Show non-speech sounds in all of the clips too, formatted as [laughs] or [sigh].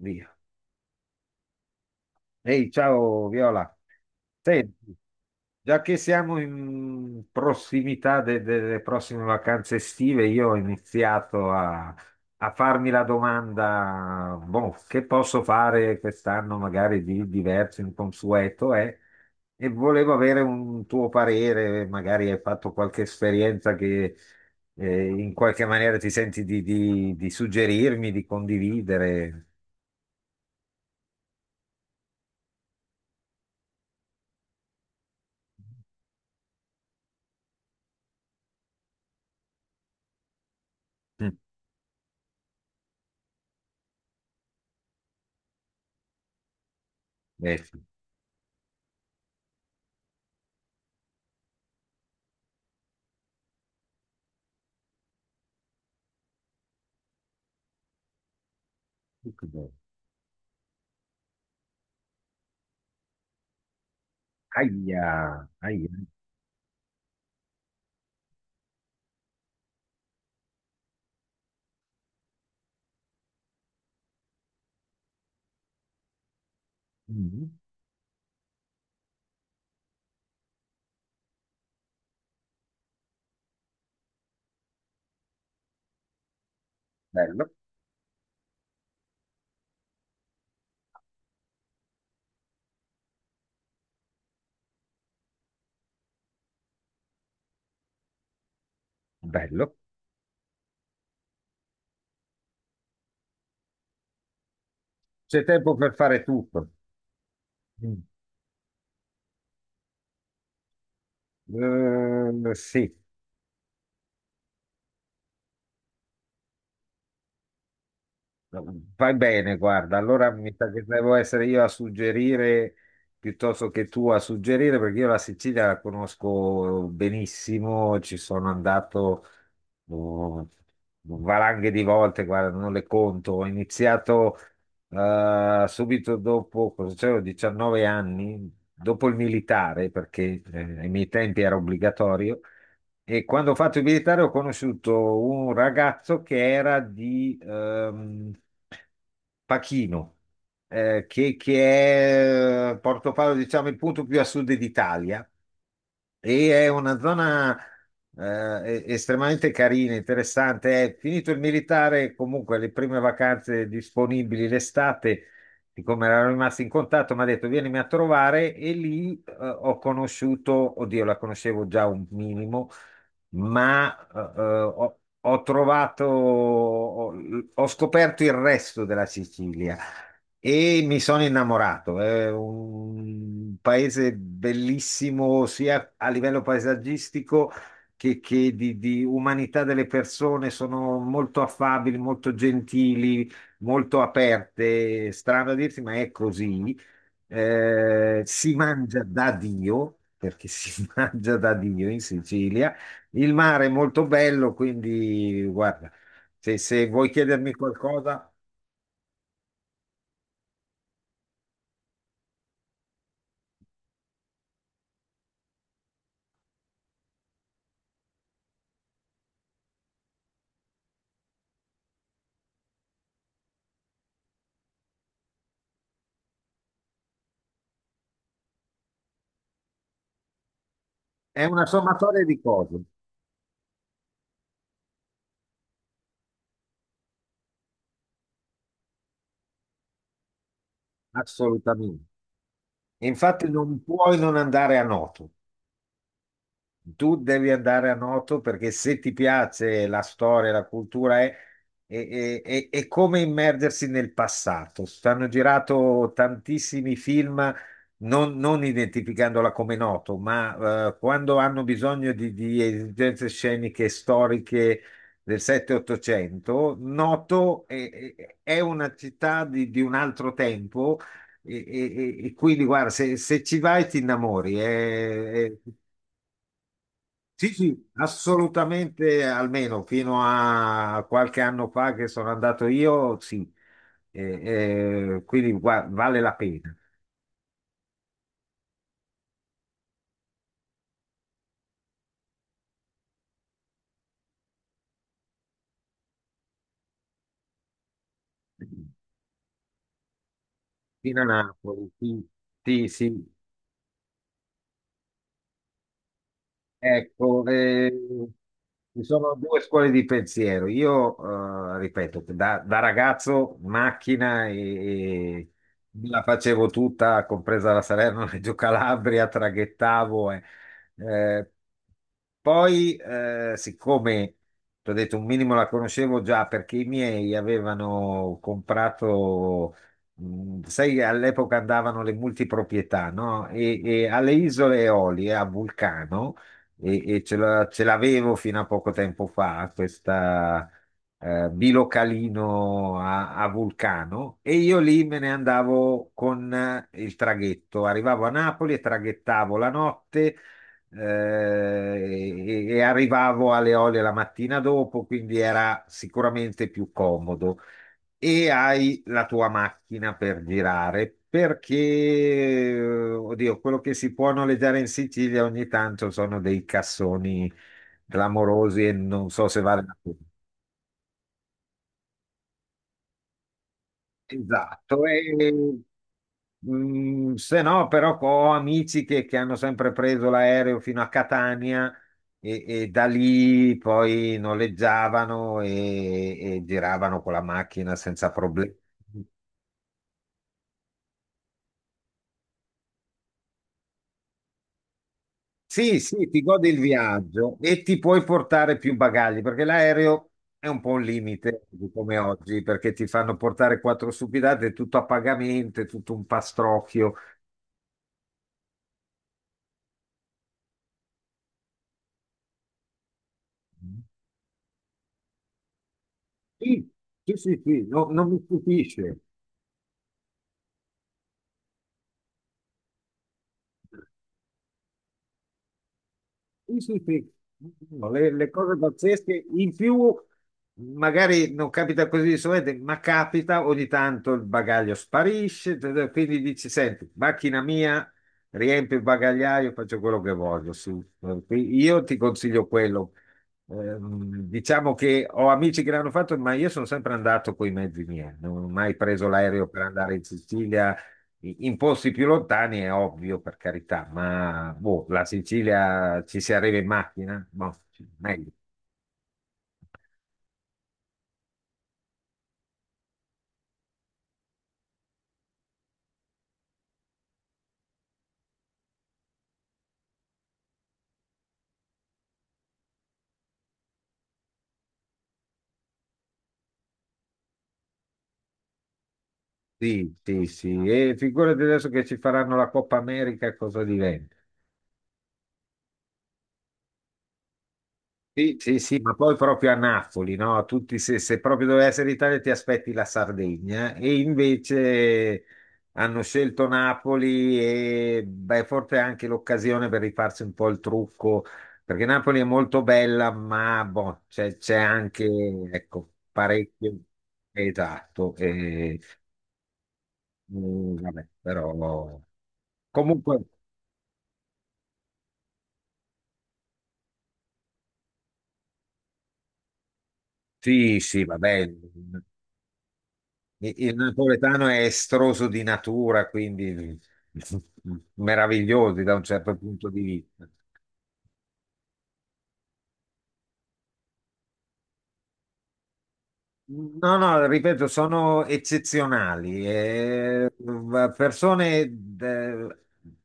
Via. Ehi, ciao Viola. Senti, già che siamo in prossimità delle prossime vacanze estive, io ho iniziato a farmi la domanda, boh, che posso fare quest'anno magari di diverso, inconsueto, eh? E volevo avere un tuo parere, magari hai fatto qualche esperienza che in qualche maniera ti senti di suggerirmi, di condividere. Mm, ecco. Aia, aia. Mm, bello, bello. C'è tempo per fare tutto. Mm. Sì, vai bene, guarda. Allora mi sa che devo essere io a suggerire piuttosto che tu a suggerire, perché io la Sicilia la conosco benissimo, ci sono andato oh, valanghe di volte, guarda, non le conto. Ho iniziato Subito dopo, cosa c'avevo, 19 anni, dopo il militare, perché ai miei tempi era obbligatorio, e quando ho fatto il militare ho conosciuto un ragazzo che era di Pachino, che è Portofalo, diciamo, il punto più a sud d'Italia. E è una zona estremamente carina, interessante. È finito il militare, comunque le prime vacanze disponibili l'estate, siccome eravamo rimasti in contatto, mi ha detto vienimi a trovare e lì ho conosciuto, oddio, la conoscevo già un minimo, ma ho scoperto il resto della Sicilia e mi sono innamorato. È un paese bellissimo sia a livello paesaggistico che di umanità delle persone. Sono molto affabili, molto gentili, molto aperte. Strano a dirsi, ma è così. Si mangia da Dio, perché si [laughs] mangia da Dio in Sicilia. Il mare è molto bello, quindi guarda, se vuoi chiedermi qualcosa, è una sommatoria di cose, assolutamente. E infatti non puoi non andare a Noto, tu devi andare a Noto perché se ti piace la storia, la cultura è, è come immergersi nel passato. Stanno girato tantissimi film, non identificandola come Noto, ma quando hanno bisogno di esigenze sceniche storiche del 7-800, è una città di un altro tempo. E quindi guarda, se ci vai ti innamori, è sì, sì, assolutamente, almeno fino a qualche anno fa che sono andato io, sì. Vale la pena. Fino a Napoli, sì, sì, sì. Ecco, ci sono due scuole di pensiero. Io, ripeto, da ragazzo macchina e me la facevo tutta, compresa la Salerno-Reggio Calabria, [laughs] traghettavo. Eh, poi, siccome, ti ho detto, un minimo la conoscevo già perché i miei avevano comprato... Mm, sai, all'epoca andavano le multiproprietà, no? E alle isole Eolie a Vulcano ce l'avevo fino a poco tempo fa, questa bilocalino a Vulcano, e io lì me ne andavo con il traghetto. Arrivavo a Napoli e traghettavo la notte e arrivavo alle Eolie la mattina dopo, quindi era sicuramente più comodo e hai la tua macchina per girare, perché, oddio, quello che si può noleggiare in Sicilia ogni tanto sono dei cassoni clamorosi e non so se vale la pena. Esatto, e, mm, se no però ho amici che hanno sempre preso l'aereo fino a Catania e da lì poi noleggiavano e giravano con la macchina senza problemi. Sì, sì, ti godi il viaggio e ti puoi portare più bagagli perché l'aereo è un po' un limite di come oggi perché ti fanno portare quattro stupidate, è tutto a pagamento, è tutto un pastrocchio. Sì, sì, sì, sì, non mi stupisce. Sì, sì, sì. No, le cose pazzesche in più magari non capita così di solito, ma capita ogni tanto il bagaglio sparisce, quindi dici, senti, macchina mia, riempio il bagagliaio, faccio quello che voglio. Sì. Io ti consiglio quello. Diciamo che ho amici che l'hanno fatto, ma io sono sempre andato con i mezzi miei, non ho mai preso l'aereo per andare in Sicilia. In posti più lontani è ovvio, per carità, ma boh, la Sicilia ci si arriva in macchina? Boh, sì, meglio. Sì, sì, sì. E figurati adesso che ci faranno la Coppa America, cosa diventa? Sì, sì, sì, ma poi proprio a Napoli, no? Tutti, se proprio doveva essere l'Italia, ti aspetti la Sardegna eh? E invece hanno scelto Napoli e beh, forse è anche l'occasione per rifarsi un po' il trucco, perché Napoli è molto bella, ma boh, c'è anche, ecco, parecchio. Esatto, e, mm, vabbè, però comunque sì, sì, va bene. Il napoletano è estroso di natura, quindi [laughs] meravigliosi da un certo punto di vista. No, no, ripeto, sono eccezionali, persone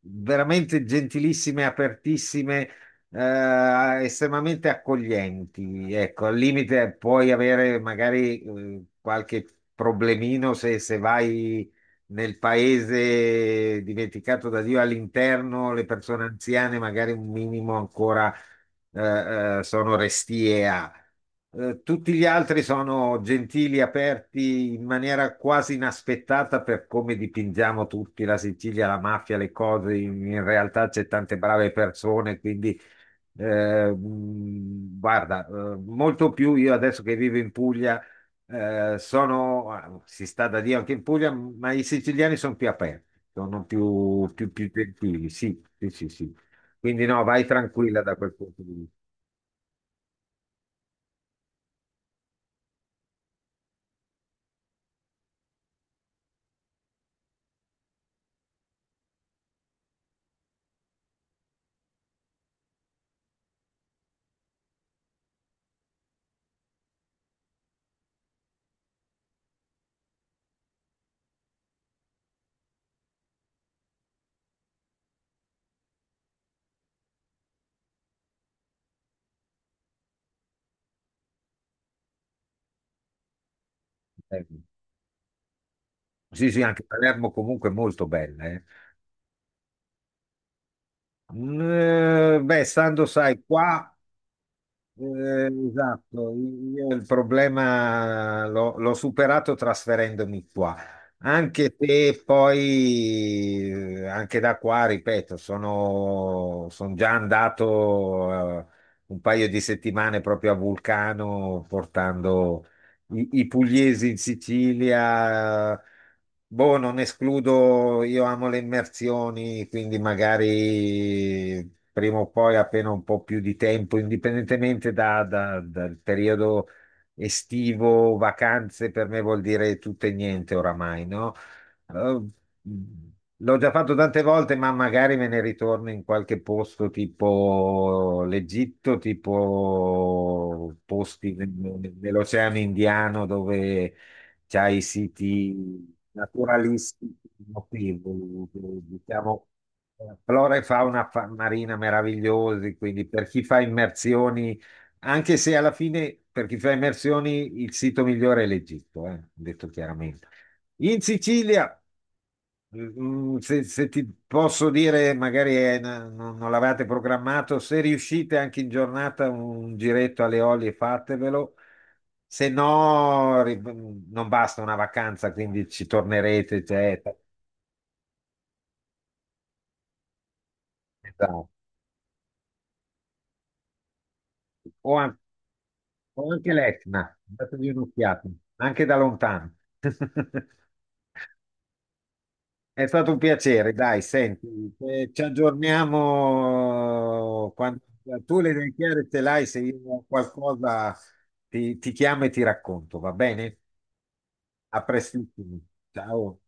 veramente gentilissime, apertissime, estremamente accoglienti. Ecco, al limite puoi avere magari qualche problemino se vai nel paese dimenticato da Dio all'interno, le persone anziane magari un minimo ancora sono restie a. Tutti gli altri sono gentili, aperti in maniera quasi inaspettata per come dipingiamo tutti la Sicilia, la mafia, le cose. In realtà c'è tante brave persone, quindi guarda, molto più io adesso che vivo in Puglia. Eh, sono, ah, si sta da Dio anche in Puglia, ma i siciliani sono più aperti, sono più gentili, sì, sì, sì, sì. Quindi no, vai tranquilla da quel punto di. Eh, Sì, sì, anche Palermo comunque è molto bella. Eh. Mm, beh, stando, sai, qua, esatto, io il problema l'ho superato trasferendomi qua, anche se poi, anche da qua, ripeto, sono, son già andato, un paio di settimane proprio a Vulcano portando i pugliesi in Sicilia. Boh, non escludo, io amo le immersioni, quindi magari prima o poi, appena un po' più di tempo, indipendentemente dal periodo estivo, vacanze, per me vuol dire tutto e niente oramai, no? Ehm, mm. L'ho già fatto tante volte, ma magari me ne ritorno in qualche posto tipo l'Egitto, tipo posti nell'Oceano Indiano dove c'hai i siti naturalistici notevoli, diciamo, flora e fauna marina meravigliosi, quindi per chi fa immersioni, anche se alla fine per chi fa immersioni il sito migliore è l'Egitto, detto chiaramente. In Sicilia. Mm, se ti posso dire, magari non l'avevate programmato, se riuscite anche in giornata un giretto alle olie, fatevelo, se no non basta una vacanza, quindi ci tornerete. Cioè, esatto. o, an- o anche l'Etna, datevi un'occhiata, anche da lontano. [laughs] È stato un piacere, dai, senti, ci aggiorniamo quando tu le idee chiare te l'hai, se io ho qualcosa ti, ti chiamo e ti racconto, va bene? A prestissimo, ciao.